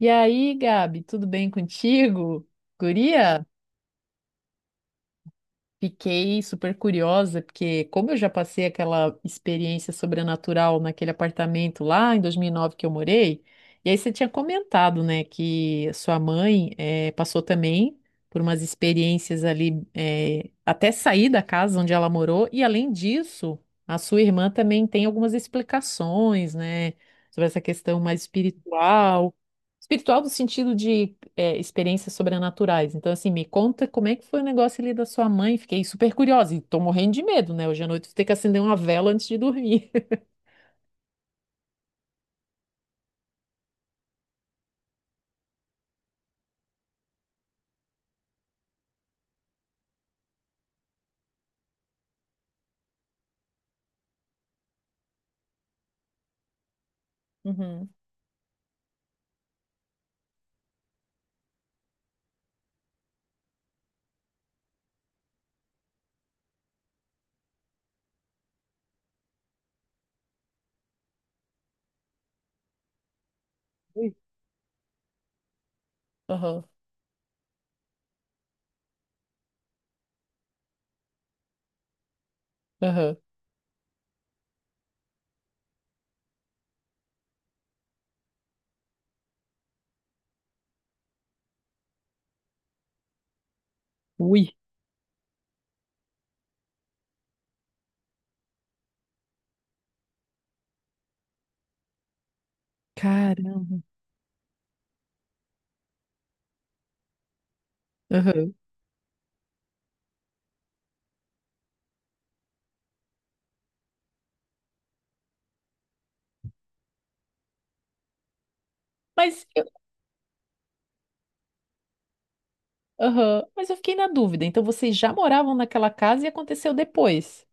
E aí, Gabi, tudo bem contigo? Guria, fiquei super curiosa, porque como eu já passei aquela experiência sobrenatural naquele apartamento lá em 2009 que eu morei, e aí você tinha comentado, né, que sua mãe passou também por umas experiências ali, até sair da casa onde ela morou, e além disso, a sua irmã também tem algumas explicações, né, sobre essa questão mais espiritual. Espiritual no sentido de experiências sobrenaturais. Então, assim, me conta como é que foi o negócio ali da sua mãe. Fiquei super curiosa e tô morrendo de medo, né? Hoje à noite eu vou ter que acender uma vela antes de dormir. Uhum. Ui. Aham, aham. Ui, caramba. Aham. Mas eu, aham, mas eu fiquei na dúvida. Então, vocês já moravam naquela casa e aconteceu depois.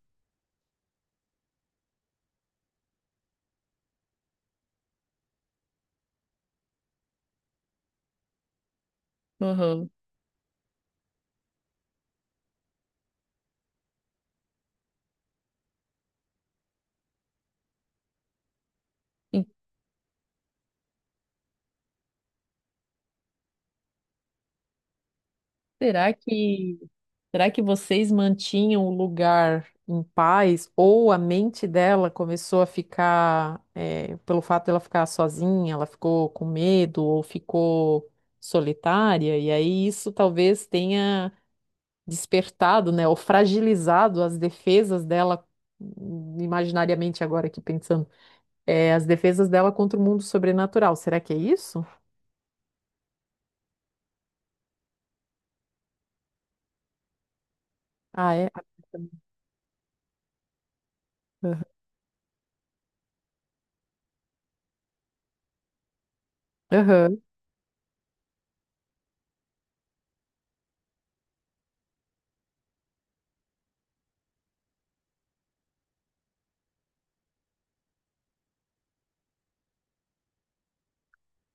Aham. E será que Será que vocês mantinham o lugar em paz ou a mente dela começou a ficar, pelo fato dela ficar sozinha, ela ficou com medo ou ficou solitária? E aí isso talvez tenha despertado, né, ou fragilizado as defesas dela, imaginariamente agora aqui pensando, as defesas dela contra o mundo sobrenatural. Será que é isso? Ah, é. Aham.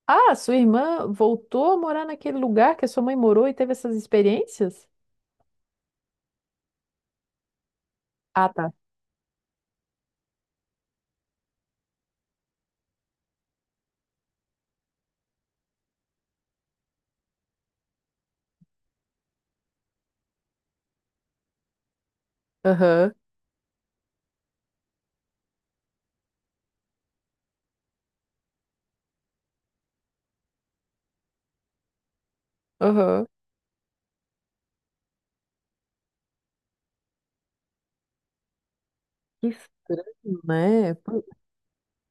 Ah, sua irmã voltou a morar naquele lugar que a sua mãe morou e teve essas experiências? Ah, tá. Aham, aham. Que estranho, né? Pô.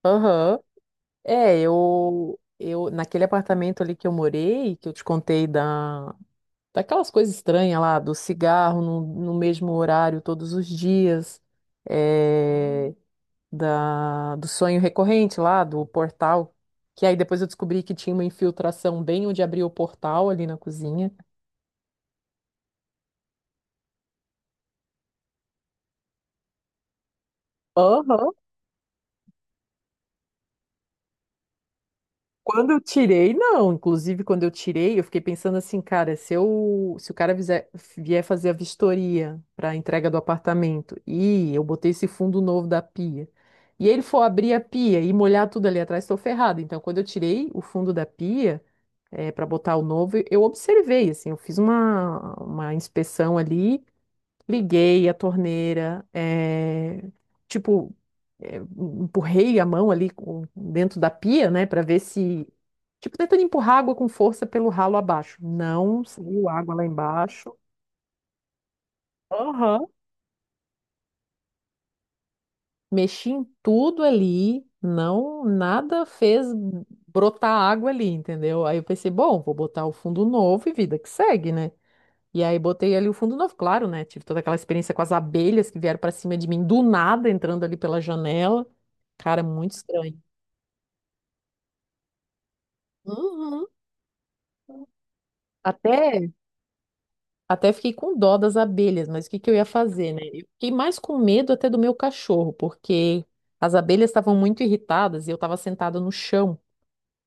Aham. É, naquele apartamento ali que eu morei, que eu te contei daquelas coisas estranhas lá, do cigarro no mesmo horário todos os dias, é, do sonho recorrente lá, do portal, que aí depois eu descobri que tinha uma infiltração bem onde abria o portal ali na cozinha. Aham. Quando eu tirei, não. Inclusive, quando eu tirei, eu fiquei pensando assim, cara, se o cara vier fazer a vistoria para a entrega do apartamento e eu botei esse fundo novo da pia, e ele for abrir a pia e molhar tudo ali atrás, estou ferrada. Então, quando eu tirei o fundo da pia, para botar o novo, eu observei, assim, eu fiz uma inspeção ali. Liguei a torneira, tipo, eh, empurrei a mão ali dentro da pia, né, para ver se. Tipo, tentando empurrar água com força pelo ralo abaixo. Não saiu água lá embaixo. Aham. Mexi em tudo ali, não, nada fez brotar água ali, entendeu? Aí eu pensei, bom, vou botar o fundo novo e vida que segue, né? E aí botei ali o fundo novo, claro, né? Tive toda aquela experiência com as abelhas que vieram pra cima de mim do nada, entrando ali pela janela. Cara, muito estranho. Uhum. Até, até fiquei com dó das abelhas, mas o que que eu ia fazer, né? Eu fiquei mais com medo até do meu cachorro, porque as abelhas estavam muito irritadas e eu estava sentada no chão.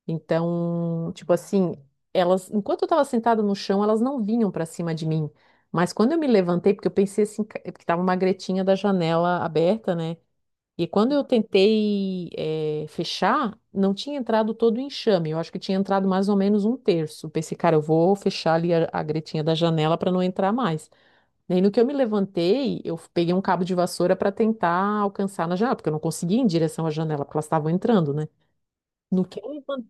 Então, tipo assim, elas, enquanto eu estava sentada no chão, elas não vinham para cima de mim. Mas quando eu me levantei, porque eu pensei assim, porque estava uma gretinha da janela aberta, né? E quando eu tentei fechar, não tinha entrado todo o enxame. Eu acho que tinha entrado mais ou menos um terço. Pensei, cara, eu vou fechar ali a gretinha da janela para não entrar mais. Daí no que eu me levantei, eu peguei um cabo de vassoura para tentar alcançar na janela, porque eu não conseguia ir em direção à janela, porque elas estavam entrando, né? No que eu levantei.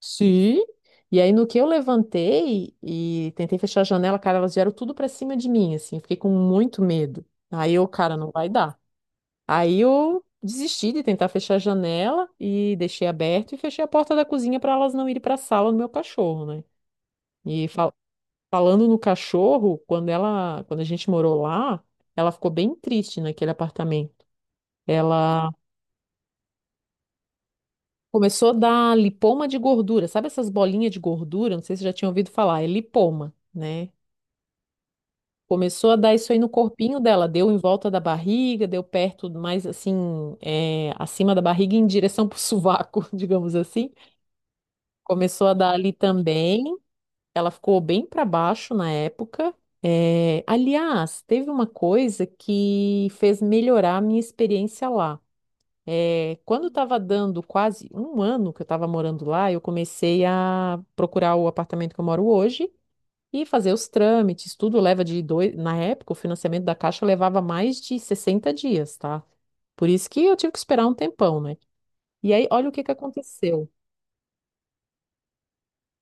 Sim. E aí no que eu levantei e tentei fechar a janela, cara, elas vieram tudo para cima de mim, assim. Eu fiquei com muito medo. Aí eu, cara, não vai dar. Aí eu desisti de tentar fechar a janela e deixei aberto e fechei a porta da cozinha para elas não irem para a sala do meu cachorro, né? E falando no cachorro, quando a gente morou lá, ela ficou bem triste naquele apartamento. Ela começou a dar lipoma de gordura, sabe essas bolinhas de gordura? Não sei se você já tinha ouvido falar, é lipoma, né? Começou a dar isso aí no corpinho dela, deu em volta da barriga, deu perto, mais assim, acima da barriga, em direção pro sovaco, digamos assim. Começou a dar ali também. Ela ficou bem para baixo na época. É, aliás, teve uma coisa que fez melhorar a minha experiência lá. É, quando estava dando quase um ano que eu estava morando lá, eu comecei a procurar o apartamento que eu moro hoje e fazer os trâmites. Tudo leva de dois. Na época, o financiamento da Caixa levava mais de 60 dias, tá? Por isso que eu tive que esperar um tempão, né? E aí, olha o que que aconteceu.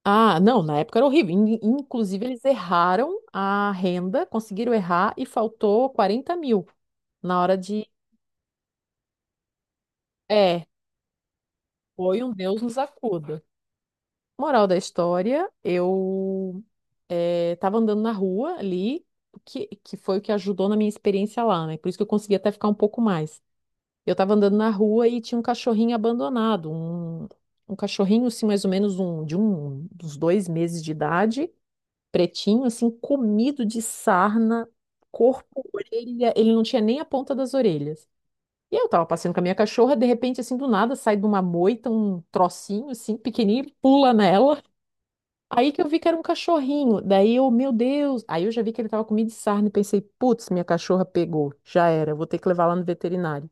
Ah, não, na época era horrível. Inclusive, eles erraram a renda, conseguiram errar e faltou 40.000 na hora de. É, foi um Deus nos acuda. Moral da história, eu tava andando na rua ali, que foi o que ajudou na minha experiência lá, né? Por isso que eu consegui até ficar um pouco mais. Eu tava andando na rua e tinha um cachorrinho abandonado, um cachorrinho, assim, mais ou menos dos 2 meses de idade, pretinho, assim, comido de sarna, corpo, orelha, ele não tinha nem a ponta das orelhas. E eu tava passeando com a minha cachorra, de repente, assim, do nada, sai de uma moita um trocinho, assim, pequenininho, e pula nela. Aí que eu vi que era um cachorrinho. Daí eu, meu Deus. Aí eu já vi que ele tava comido de sarna e pensei, putz, minha cachorra pegou. Já era, vou ter que levar lá no veterinário.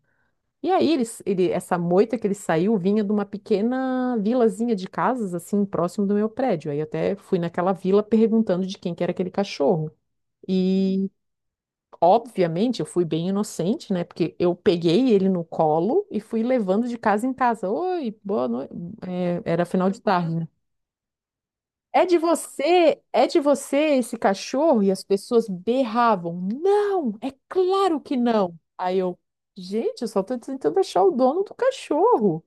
E aí essa moita que ele saiu vinha de uma pequena vilazinha de casas, assim, próximo do meu prédio. Aí eu até fui naquela vila perguntando de quem que era aquele cachorro. E, obviamente, eu fui bem inocente, né? Porque eu peguei ele no colo e fui levando de casa em casa. Oi, boa noite. É, era final de tarde, né? É de você esse cachorro? E as pessoas berravam. Não, é claro que não. Aí eu, gente, eu só tô tentando achar o dono do cachorro.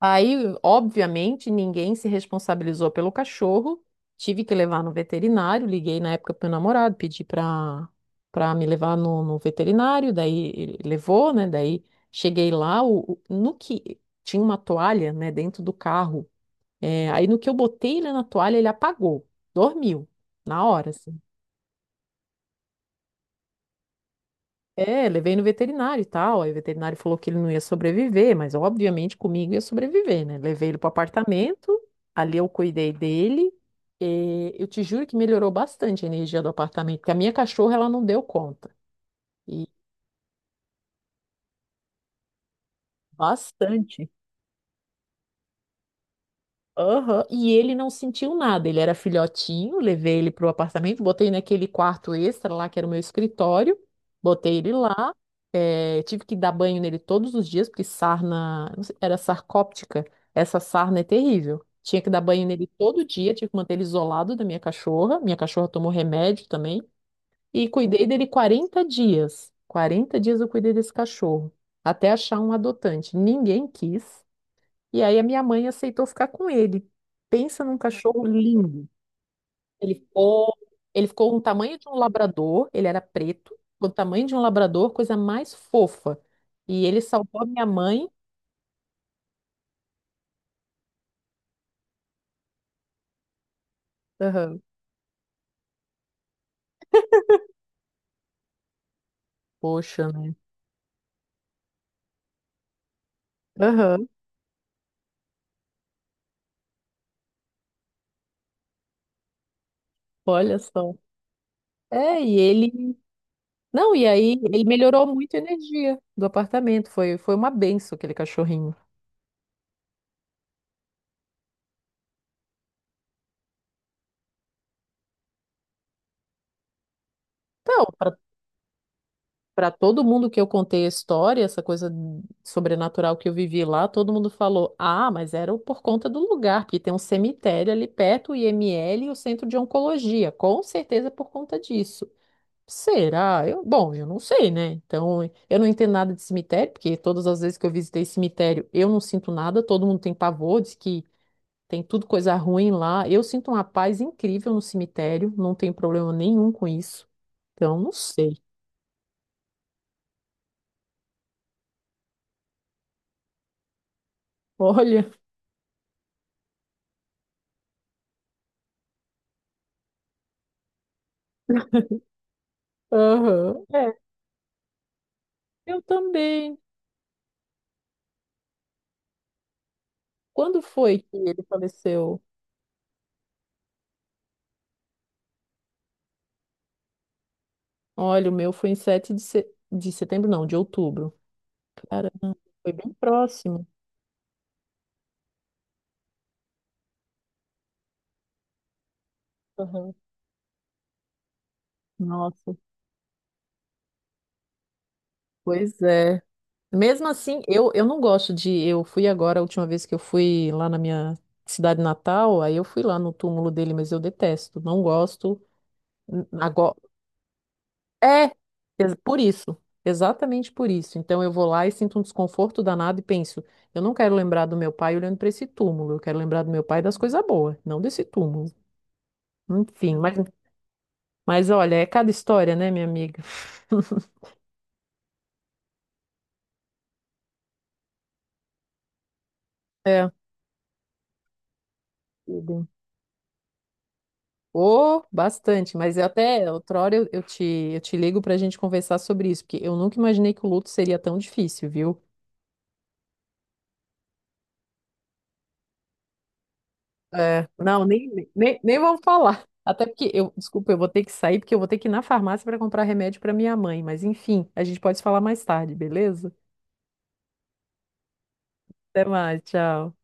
Aí, obviamente, ninguém se responsabilizou pelo cachorro. Tive que levar no veterinário. Liguei na época pro meu namorado, pedi para me levar no veterinário. Daí ele levou, né? Daí cheguei lá, no que tinha uma toalha, né, dentro do carro. É, aí no que eu botei ele na toalha, ele apagou, dormiu na hora, assim. É, levei no veterinário e tal. Aí o veterinário falou que ele não ia sobreviver, mas obviamente comigo ia sobreviver, né? Levei ele pro apartamento, ali eu cuidei dele. E eu te juro que melhorou bastante a energia do apartamento, porque a minha cachorra ela não deu conta. E bastante. Aham, e ele não sentiu nada. Ele era filhotinho, levei ele pro apartamento, botei naquele quarto extra lá, que era o meu escritório, botei ele lá. Eh, tive que dar banho nele todos os dias, porque sarna, não sei, era sarcóptica. Essa sarna é terrível. Tinha que dar banho nele todo dia, tive que manter ele isolado da minha cachorra. Minha cachorra tomou remédio também. E cuidei dele 40 dias. 40 dias eu cuidei desse cachorro, até achar um adotante. Ninguém quis. E aí a minha mãe aceitou ficar com ele. Pensa num cachorro lindo. Ele ficou, ele ficou com o tamanho de um labrador, ele era preto, com o tamanho de um labrador, coisa mais fofa. E ele salvou a minha mãe. Aham. Poxa, né? Aham. Olha só. É, e ele. Não, e aí ele melhorou muito a energia do apartamento. Foi uma benção aquele cachorrinho. Então, para todo mundo que eu contei a história, essa coisa sobrenatural que eu vivi lá, todo mundo falou: Ah, mas era por conta do lugar, porque tem um cemitério ali perto, o IML e o centro de oncologia. Com certeza é por conta disso. Será? Eu, bom, eu não sei, né? Então, eu não entendo nada de cemitério, porque todas as vezes que eu visitei cemitério, eu não sinto nada, todo mundo tem pavor, diz que tem tudo coisa ruim lá. Eu sinto uma paz incrível no cemitério, não tenho problema nenhum com isso. Então, não sei. Olha. Aham. É, eu também. Quando foi que ele faleceu? Olha, o meu foi em 7 de setembro, não, de outubro. Caramba, foi bem próximo. Aham. Nossa, pois é. Mesmo assim, eu não gosto de. Eu fui agora, a última vez que eu fui lá na minha cidade natal, aí eu fui lá no túmulo dele, mas eu detesto, não gosto. Agora, É, ex- por isso, exatamente por isso. Então eu vou lá e sinto um desconforto danado e penso, eu não quero lembrar do meu pai olhando para esse túmulo, eu quero lembrar do meu pai das coisas boas, não desse túmulo. Enfim, mas olha, é cada história, né, minha amiga? É. Tudo. Oh, bastante, mas eu até outra hora eu te ligo para a gente conversar sobre isso, porque eu nunca imaginei que o luto seria tão difícil, viu? É, não, nem vamos falar. Até porque eu, desculpa, eu vou ter que sair porque eu vou ter que ir na farmácia para comprar remédio para minha mãe. Mas enfim, a gente pode falar mais tarde, beleza? Até mais, tchau.